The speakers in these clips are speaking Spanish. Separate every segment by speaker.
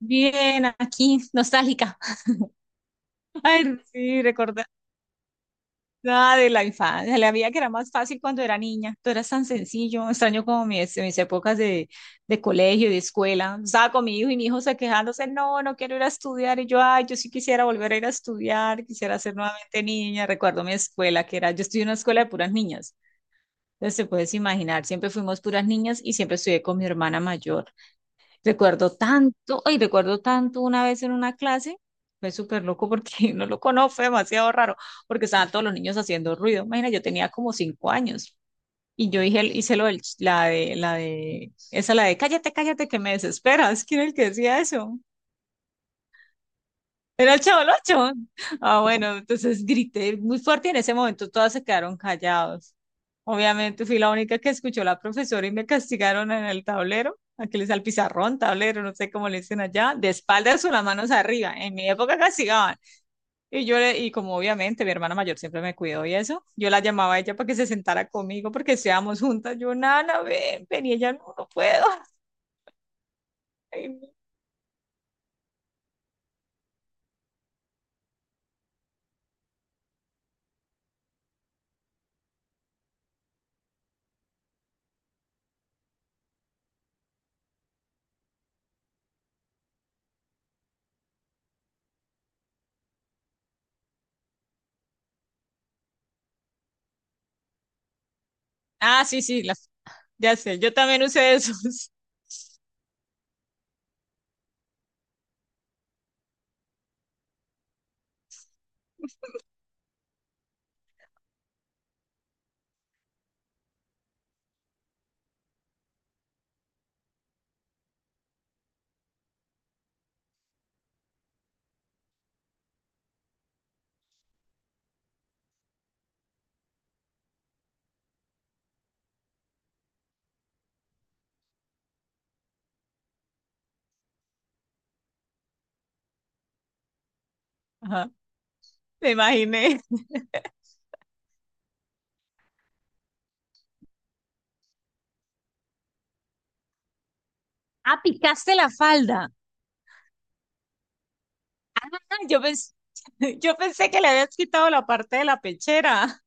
Speaker 1: Bien, aquí, nostálgica. Ay, sí, recordar nada de la infancia, de la vida que era más fácil cuando era niña. Todo era tan sencillo, extraño como mis épocas de colegio, de escuela. Estaba con mi hijo y mi hijo se quejándose, no, no quiero ir a estudiar. Y yo, ay, yo sí quisiera volver a ir a estudiar, quisiera ser nuevamente niña. Recuerdo mi escuela, que era, yo estudié en una escuela de puras niñas. Entonces, te puedes imaginar, siempre fuimos puras niñas y siempre estudié con mi hermana mayor. Recuerdo tanto, ay, recuerdo tanto una vez en una clase, fue súper loco porque no lo conozco, fue demasiado raro, porque estaban todos los niños haciendo ruido. Imagina, yo tenía como 5 años y yo dije, hice lo la de, esa la de, cállate, cállate, que me desesperas. ¿Quién era el que decía eso? Era el Chavo Ocho. Ah, bueno, entonces grité muy fuerte y en ese momento todas se quedaron callados. Obviamente fui la única que escuchó la profesora y me castigaron en el tablero. Aquí les al pizarrón, tablero, no sé cómo le dicen allá, de espaldas o las manos arriba. En mi época castigaban. Y como obviamente mi hermana mayor siempre me cuidó y eso, yo la llamaba a ella para que se sentara conmigo porque estábamos juntas. Yo, Nana, ven, ven, y ella, no, no puedo. Ay, no. Ah, sí, sí, las- ya sé, yo también usé esos. Ajá, me imaginé. Ah, picaste la falda. Ah, yo pensé, yo pensé que le habías quitado la parte de la pechera.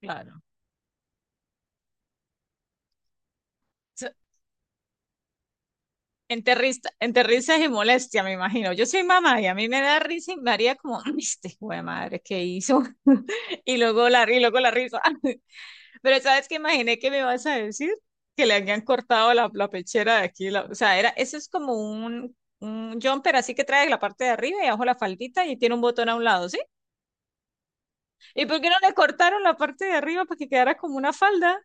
Speaker 1: Claro. So- Entre, risa- entre risas y molestia, me imagino. Yo soy mamá y a mí me da risa y me haría como, "Ay, este hijo de madre, ¿qué hizo?" Y luego la risa. Pero ¿sabes qué imaginé que me vas a decir? Que le habían cortado la, la pechera de aquí. La- o sea, era, eso es como un jumper así que trae la parte de arriba y abajo la faldita y tiene un botón a un lado, ¿sí? ¿Y por qué no le cortaron la parte de arriba para que quedara como una falda?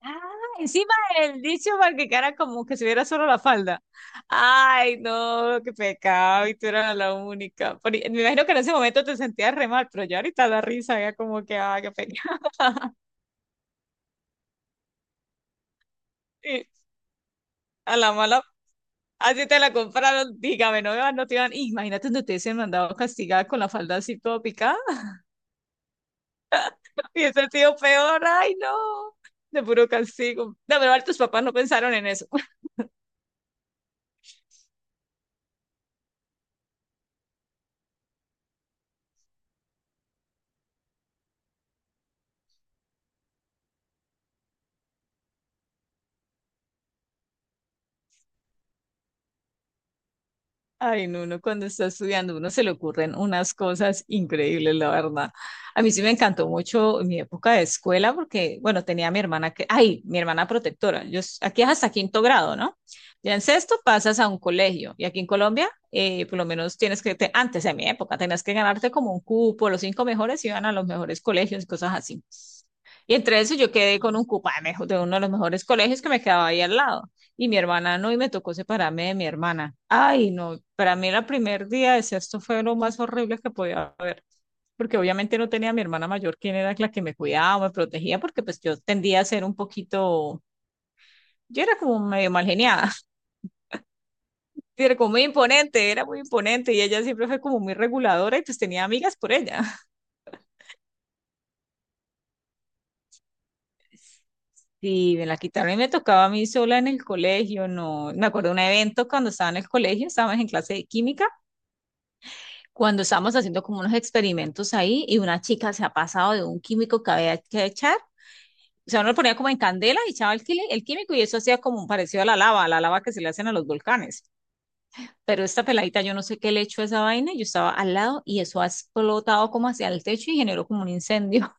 Speaker 1: Ah, encima el dicho para que quedara como que se viera solo la falda. Ay, no, qué pecado, y tú eras la única. Por- me imagino que en ese momento te sentías re mal, pero ya ahorita la risa ya como que, ay, qué pecado. Y a la mala, así te la compraron, dígame, no, iban- no te iban. Imagínate donde te hubiesen mandado castigada con la falda así toda picada. Y ese tío peor, ay, no, de puro castigo. De verdad, tus papás no pensaron en eso. Ay, no, uno cuando está estudiando, uno se le ocurren unas cosas increíbles, la verdad. A mí sí me encantó mucho mi época de escuela porque, bueno, tenía a mi hermana que, ay, mi hermana protectora. Yo, s- aquí es hasta quinto grado, ¿no? Ya en sexto pasas a un colegio y aquí en Colombia, por lo menos tienes que, te- antes de mi época, tenías que ganarte como un cupo, los cinco mejores iban a los mejores colegios y cosas así. Y entre eso yo quedé con un cupo de mejo- de uno de los mejores colegios que me quedaba ahí al lado. Y mi hermana no, y me tocó separarme de mi hermana. Ay, no, para mí el primer día de sexto fue lo más horrible que podía haber, porque obviamente no tenía a mi hermana mayor, quien era la que me cuidaba, me protegía, porque pues yo tendía a ser un poquito, yo era como medio mal geniada, era como muy imponente, era muy imponente, y ella siempre fue como muy reguladora y pues tenía amigas por ella. Sí, me la quitaron y me tocaba a mí sola en el colegio, no, me acuerdo de un evento cuando estaba en el colegio, estábamos en clase de química, cuando estábamos haciendo como unos experimentos ahí y una chica se ha pasado de un químico que había que echar, o sea, uno lo ponía como en candela y echaba el, quili- el químico y eso hacía como un parecido a la lava que se le hacen a los volcanes. Pero esta peladita, yo no sé qué le echó a esa vaina, yo estaba al lado y eso ha explotado como hacia el techo y generó como un incendio.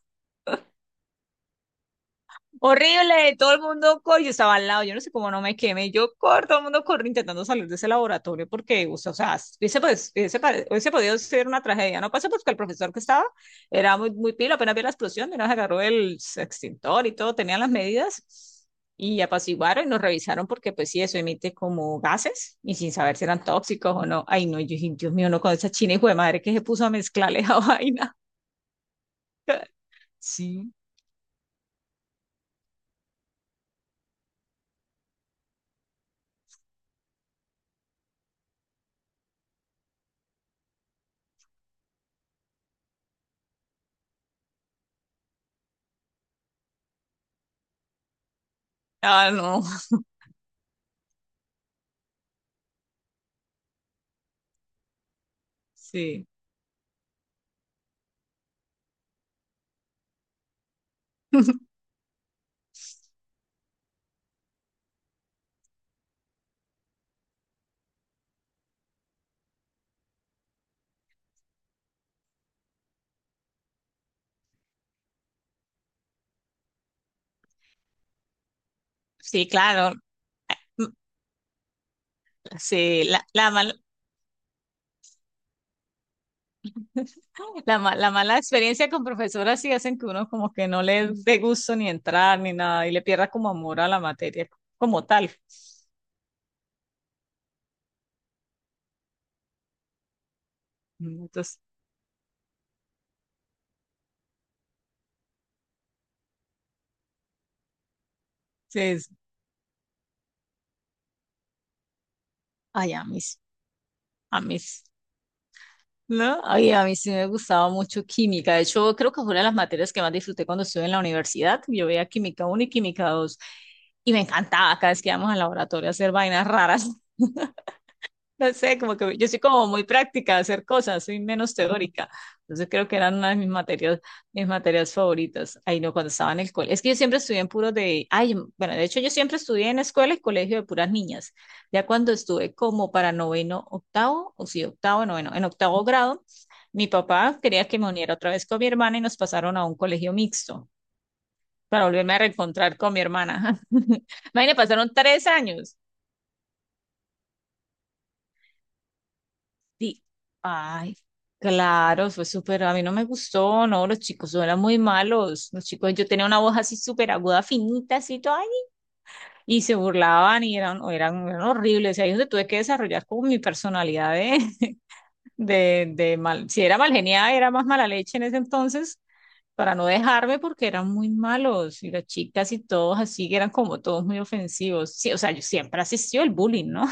Speaker 1: Horrible, todo el mundo corre, yo estaba al lado, yo no sé cómo no me quemé, yo corro, todo el mundo corre intentando salir de ese laboratorio porque, o sea, hubiese, pues, hubiese pare- hubiese podido ser una tragedia, no pasó porque el profesor que estaba era muy pilo, apenas vio la explosión, nos agarró el extintor y todo, tenían las medidas y apaciguaron y nos revisaron porque, pues sí, eso emite como gases y sin saber si eran tóxicos o no. Ay, no, yo dije, Dios mío, no, con esa china hijo de madre que se puso a mezclarle esa vaina. Sí, ah, no, sí. Sí, claro. Mm. Sí, la mala experiencia con profesoras sí hacen que uno como que no le dé gusto ni entrar ni nada y le pierda como amor a la materia como tal. Mm. Entonces, ay, a mí, sí, ¿no? Ay, a mí sí me gustaba mucho química. De hecho, creo que fue una de las materias que más disfruté cuando estuve en la universidad. Yo veía química uno y química 2 y me encantaba cada vez que íbamos al laboratorio a hacer vainas raras. No sé, como que yo soy como muy práctica de hacer cosas, soy menos teórica. Entonces creo que eran una de mis materias favoritas. Ay, no, cuando estaba en el colegio. Es que yo siempre estudié en puros de, ay, bueno, de hecho yo siempre estudié en escuela y colegio de puras niñas. Ya cuando estuve como para noveno, octavo, o sí, octavo, noveno, en octavo grado, mi papá quería que me uniera otra vez con mi hermana y nos pasaron a un colegio mixto para volverme a reencontrar con mi hermana. Imagínate, pasaron 3 años. Sí, ay, claro, fue súper, a mí no me gustó, no, los chicos no eran muy malos, los chicos, yo tenía una voz así súper aguda, finita, así toda, ahí, y se burlaban y eran, horribles, y ahí es donde tuve que desarrollar como mi personalidad de, de mal, si era mal genial, era más mala leche en ese entonces, para no dejarme porque eran muy malos, y las chicas y todos así, que eran como todos muy ofensivos, sí, o sea, yo siempre asistió el bullying, ¿no?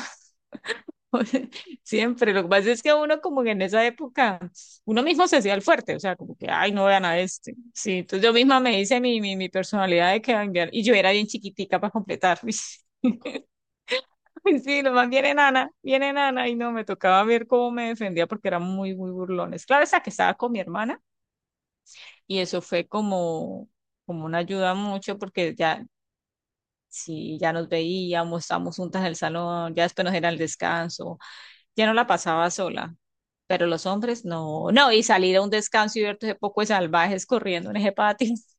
Speaker 1: Siempre, lo que pasa es que uno como que en esa época, uno mismo se hacía el fuerte, o sea, como que, ay, no vean a este. Sí, entonces yo misma me hice mi personalidad de que va a enviar, y yo era bien chiquitica para completar. Ay, sí, nomás viene Nana, y no, me tocaba ver cómo me defendía porque eran muy burlones. Claro, esa que estaba con mi hermana, y eso fue como, como una ayuda mucho porque ya, sí, ya nos veíamos, estábamos juntas en el salón, ya después nos era el descanso, ya no la pasaba sola, pero los hombres no, no, y salir a un descanso y verte ese poco de salvajes corriendo en ese patio.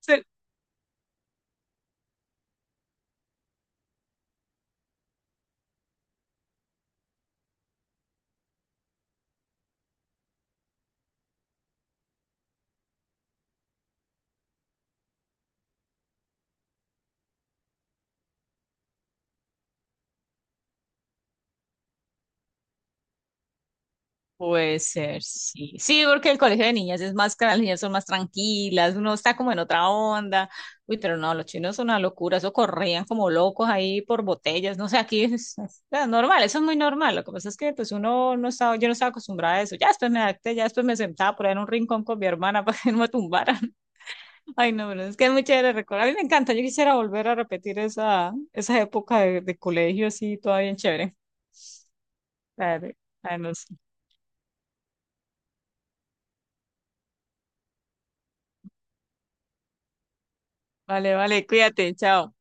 Speaker 1: Sí, puede ser, sí. Sí, porque el colegio de niñas es más, que las niñas son más tranquilas, uno está como en otra onda. Uy, pero no, los chinos son una locura, eso corrían como locos ahí por botellas, no sé, aquí es, es normal, eso es muy normal. Lo que pasa es que pues uno no estaba, yo no estaba acostumbrada a eso. Ya después me adapté, ya después me sentaba por ahí en un rincón con mi hermana para que no me tumbara. Ay, no, pero es que es muy chévere recordar. A mí me encanta, yo quisiera volver a repetir esa, esa época de colegio así, todavía bien chévere. Dale. Ay, no sé. Vale, vale, cuídate, chao.